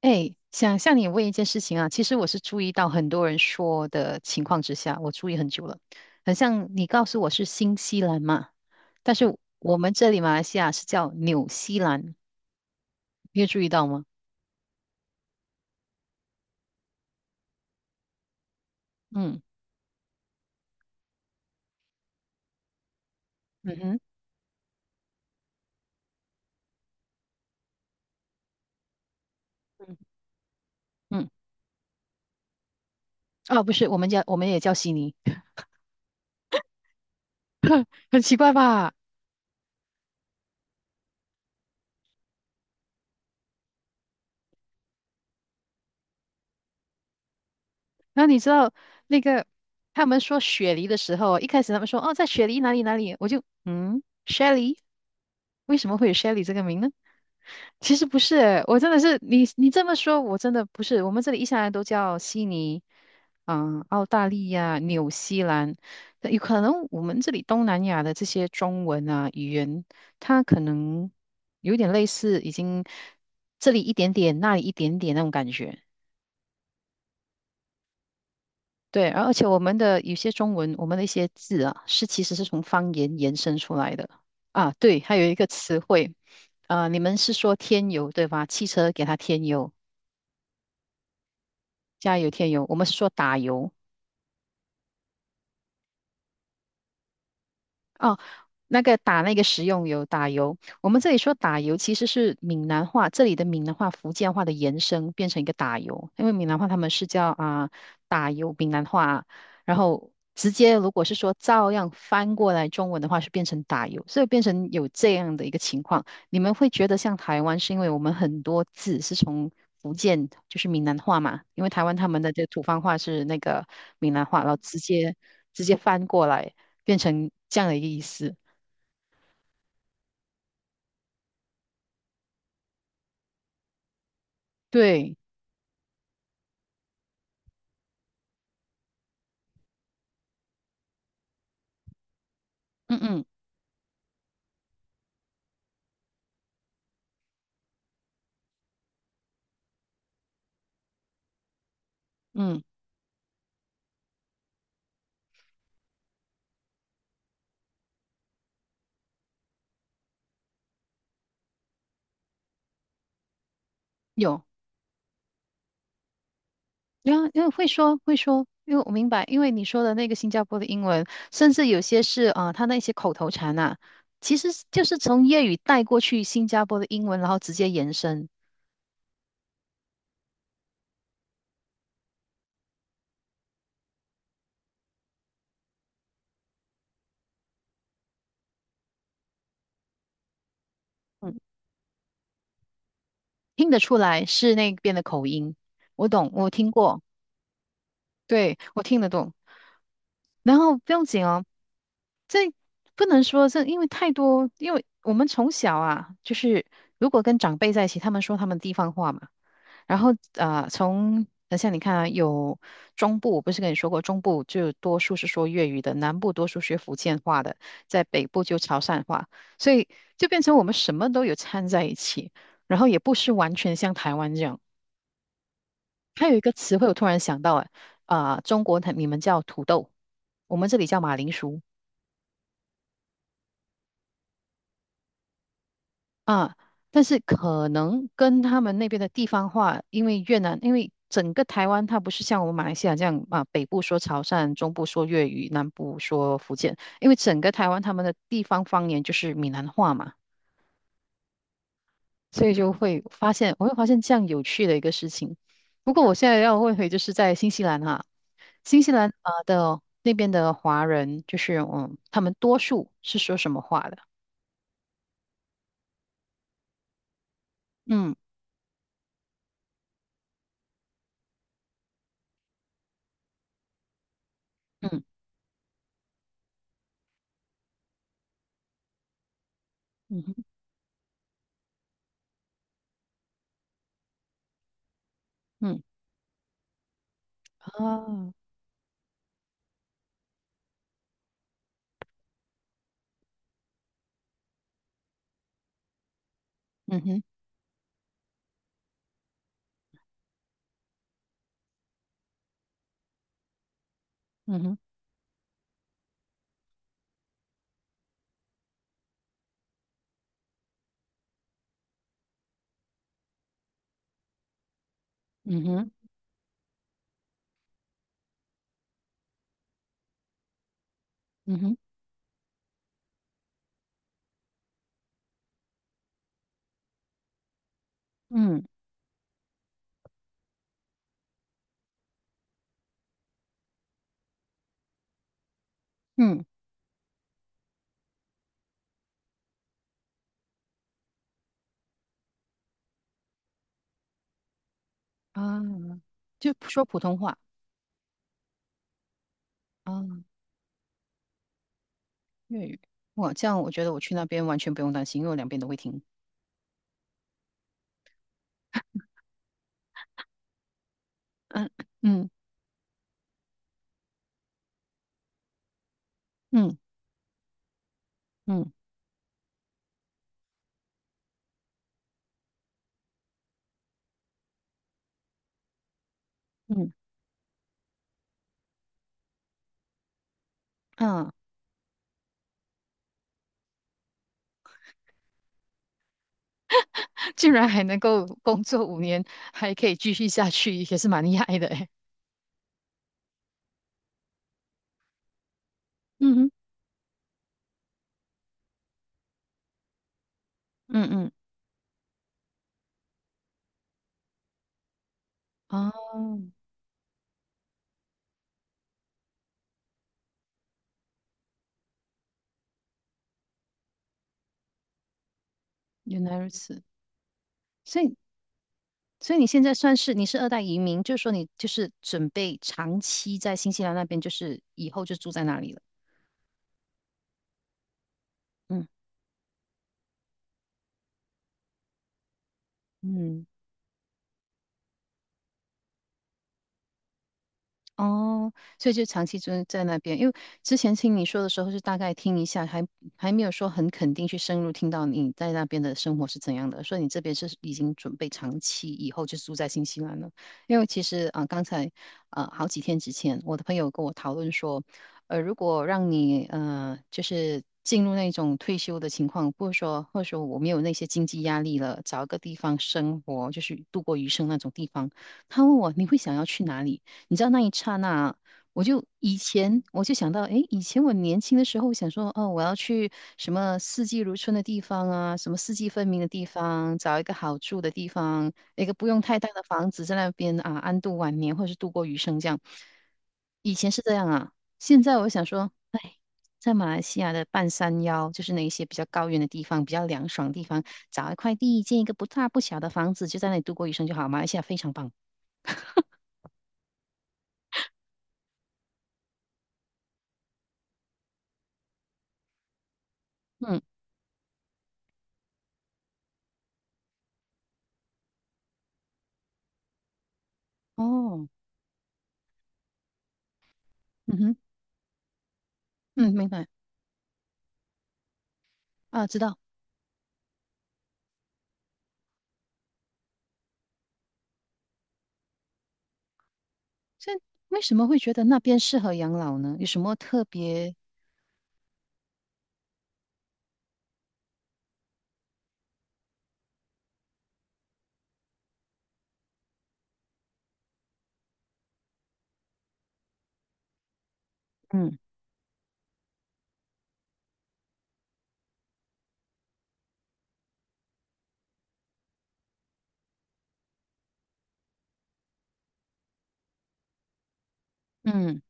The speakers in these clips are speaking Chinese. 哎，想向你问一件事情啊，其实我是注意到很多人说的情况之下，我注意很久了。很像你告诉我是新西兰嘛，但是我们这里马来西亚是叫纽西兰，你有注意到吗？嗯嗯哼嗯，嗯，哦，不是，我们也叫悉尼。很奇怪吧？那你知道那个他们说雪梨的时候，一开始他们说哦，在雪梨哪里哪里，我就嗯，Shelly，为什么会有 Shelly 这个名呢？其实不是，我真的是你这么说，我真的不是。我们这里一向来都叫悉尼，嗯，澳大利亚、纽西兰。那有可能我们这里东南亚的这些中文啊语言，它可能有点类似，已经这里一点点，那里一点点那种感觉。对，而且我们的有些中文，我们的一些字啊，是其实是从方言延伸出来的啊。对，还有一个词汇，啊、你们是说添油对吧？汽车给它添油。加油添油，我们是说打油。哦，那个打那个食用油，打油。我们这里说打油，其实是闽南话，这里的闽南话、福建话的延伸，变成一个打油。因为闽南话他们是叫啊、打油，闽南话，然后直接如果是说照样翻过来中文的话，是变成打油，所以变成有这样的一个情况。你们会觉得像台湾，是因为我们很多字是从福建，就是闽南话嘛，因为台湾他们的这个土方话是那个闽南话，然后直接翻过来。变成这样的一个意思。对，嗯嗯嗯，有，然后因为会说，因为我明白，因为你说的那个新加坡的英文，甚至有些是他那些口头禅啊，其实是就是从粤语带过去新加坡的英文，然后直接延伸。嗯，听得出来是那边的口音。我懂，我听过。对，我听得懂。然后不用紧哦，这不能说这，因为太多，因为我们从小啊，就是如果跟长辈在一起，他们说他们地方话嘛，然后啊，从等下你看啊，有中部，我不是跟你说过，中部就多数是说粤语的，南部多数学福建话的，在北部就潮汕话，所以就变成我们什么都有掺在一起，然后也不是完全像台湾这样。还有一个词汇，我突然想到，哎，啊、中国它你们叫土豆，我们这里叫马铃薯啊，但是可能跟他们那边的地方话，因为越南，因为整个台湾它不是像我们马来西亚这样啊，北部说潮汕，中部说粤语，南部说福建，因为整个台湾他们的地方方言就是闽南话嘛，所以就会发现，我会发现这样有趣的一个事情。不过我现在要问回，就是在新西兰哈、新西兰啊的那边的华人，就是嗯，他们多数是说什么话的？嗯嗯嗯哼嗯啊嗯哼嗯哼嗯哼嗯哼嗯嗯啊，就说普通话啊粤语。哇，这样我觉得我去那边完全不用担心，因为我两边都会听。嗯 嗯嗯嗯嗯嗯，竟然还能够工作5年，还可以继续下去，也是蛮厉害的诶。嗯哼嗯嗯啊，原来如此。所以所以你现在算是你是二代移民，就是说你就是准备长期在新西兰那边，就是以后就住在那里了。嗯嗯，哦，所以就长期就在那边，因为之前听你说的时候是大概听一下，还没有说很肯定去深入听到你在那边的生活是怎样的，所以你这边是已经准备长期以后就住在新西兰了。因为其实刚才好几天之前，我的朋友跟我讨论说，如果让你就是进入那种退休的情况，或者说我没有那些经济压力了，找一个地方生活，就是度过余生那种地方，他问我你会想要去哪里？你知道那一刹那，以前我就想到，诶，以前我年轻的时候想说，哦，我要去什么四季如春的地方啊，什么四季分明的地方，找一个好住的地方，一个不用太大的房子，在那边啊安度晚年，或者是度过余生这样。以前是这样啊，现在我想说，哎，在马来西亚的半山腰，就是那一些比较高原的地方，比较凉爽的地方，找一块地，建一个不大不小的房子，就在那里度过余生就好。马来西亚非常棒，嗯，哦，嗯哼。嗯，明白啊，知道。所以为什么会觉得那边适合养老呢？有什么特别？嗯嗯，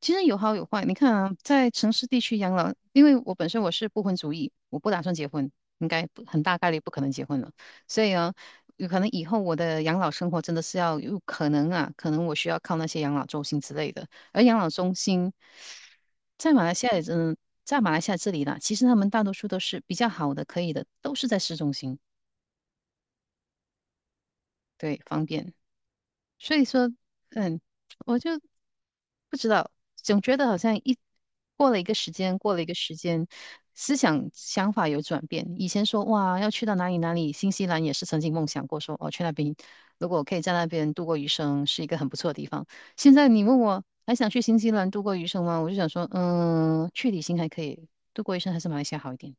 其实有好有坏。你看啊，在城市地区养老，因为我本身我是不婚主义，我不打算结婚，应该不很大概率不可能结婚了。所以啊，有可能以后我的养老生活真的是要有可能啊，可能我需要靠那些养老中心之类的。而养老中心在马来西亚也真，在马来西亚这里啦，其实他们大多数都是比较好的，可以的，都是在市中心，对，方便。所以说，嗯，我就不知道，总觉得好像一过了一个时间，过了一个时间，思想想法有转变。以前说哇，要去到哪里哪里，新西兰也是曾经梦想过说，哦，去那边，如果我可以在那边度过余生，是一个很不错的地方。现在你问我还想去新西兰度过余生吗？我就想说，嗯，去旅行还可以，度过余生还是马来西亚好一点。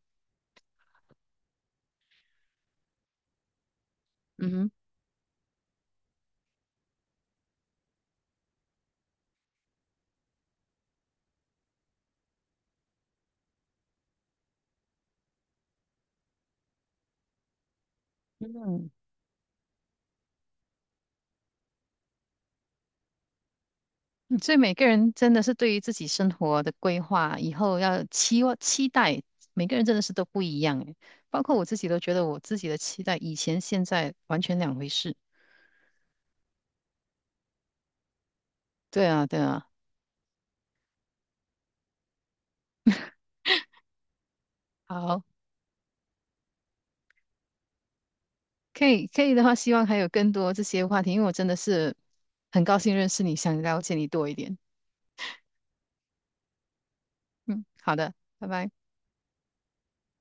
嗯哼。嗯所以每个人真的是对于自己生活的规划，以后要期望期待，每个人真的是都不一样诶。包括我自己都觉得我自己的期待，以前现在完全两回事。对啊，对啊。好，可以的话，希望还有更多这些话题，因为我真的是很高兴认识你，想了解你多一点。嗯，好的，拜拜。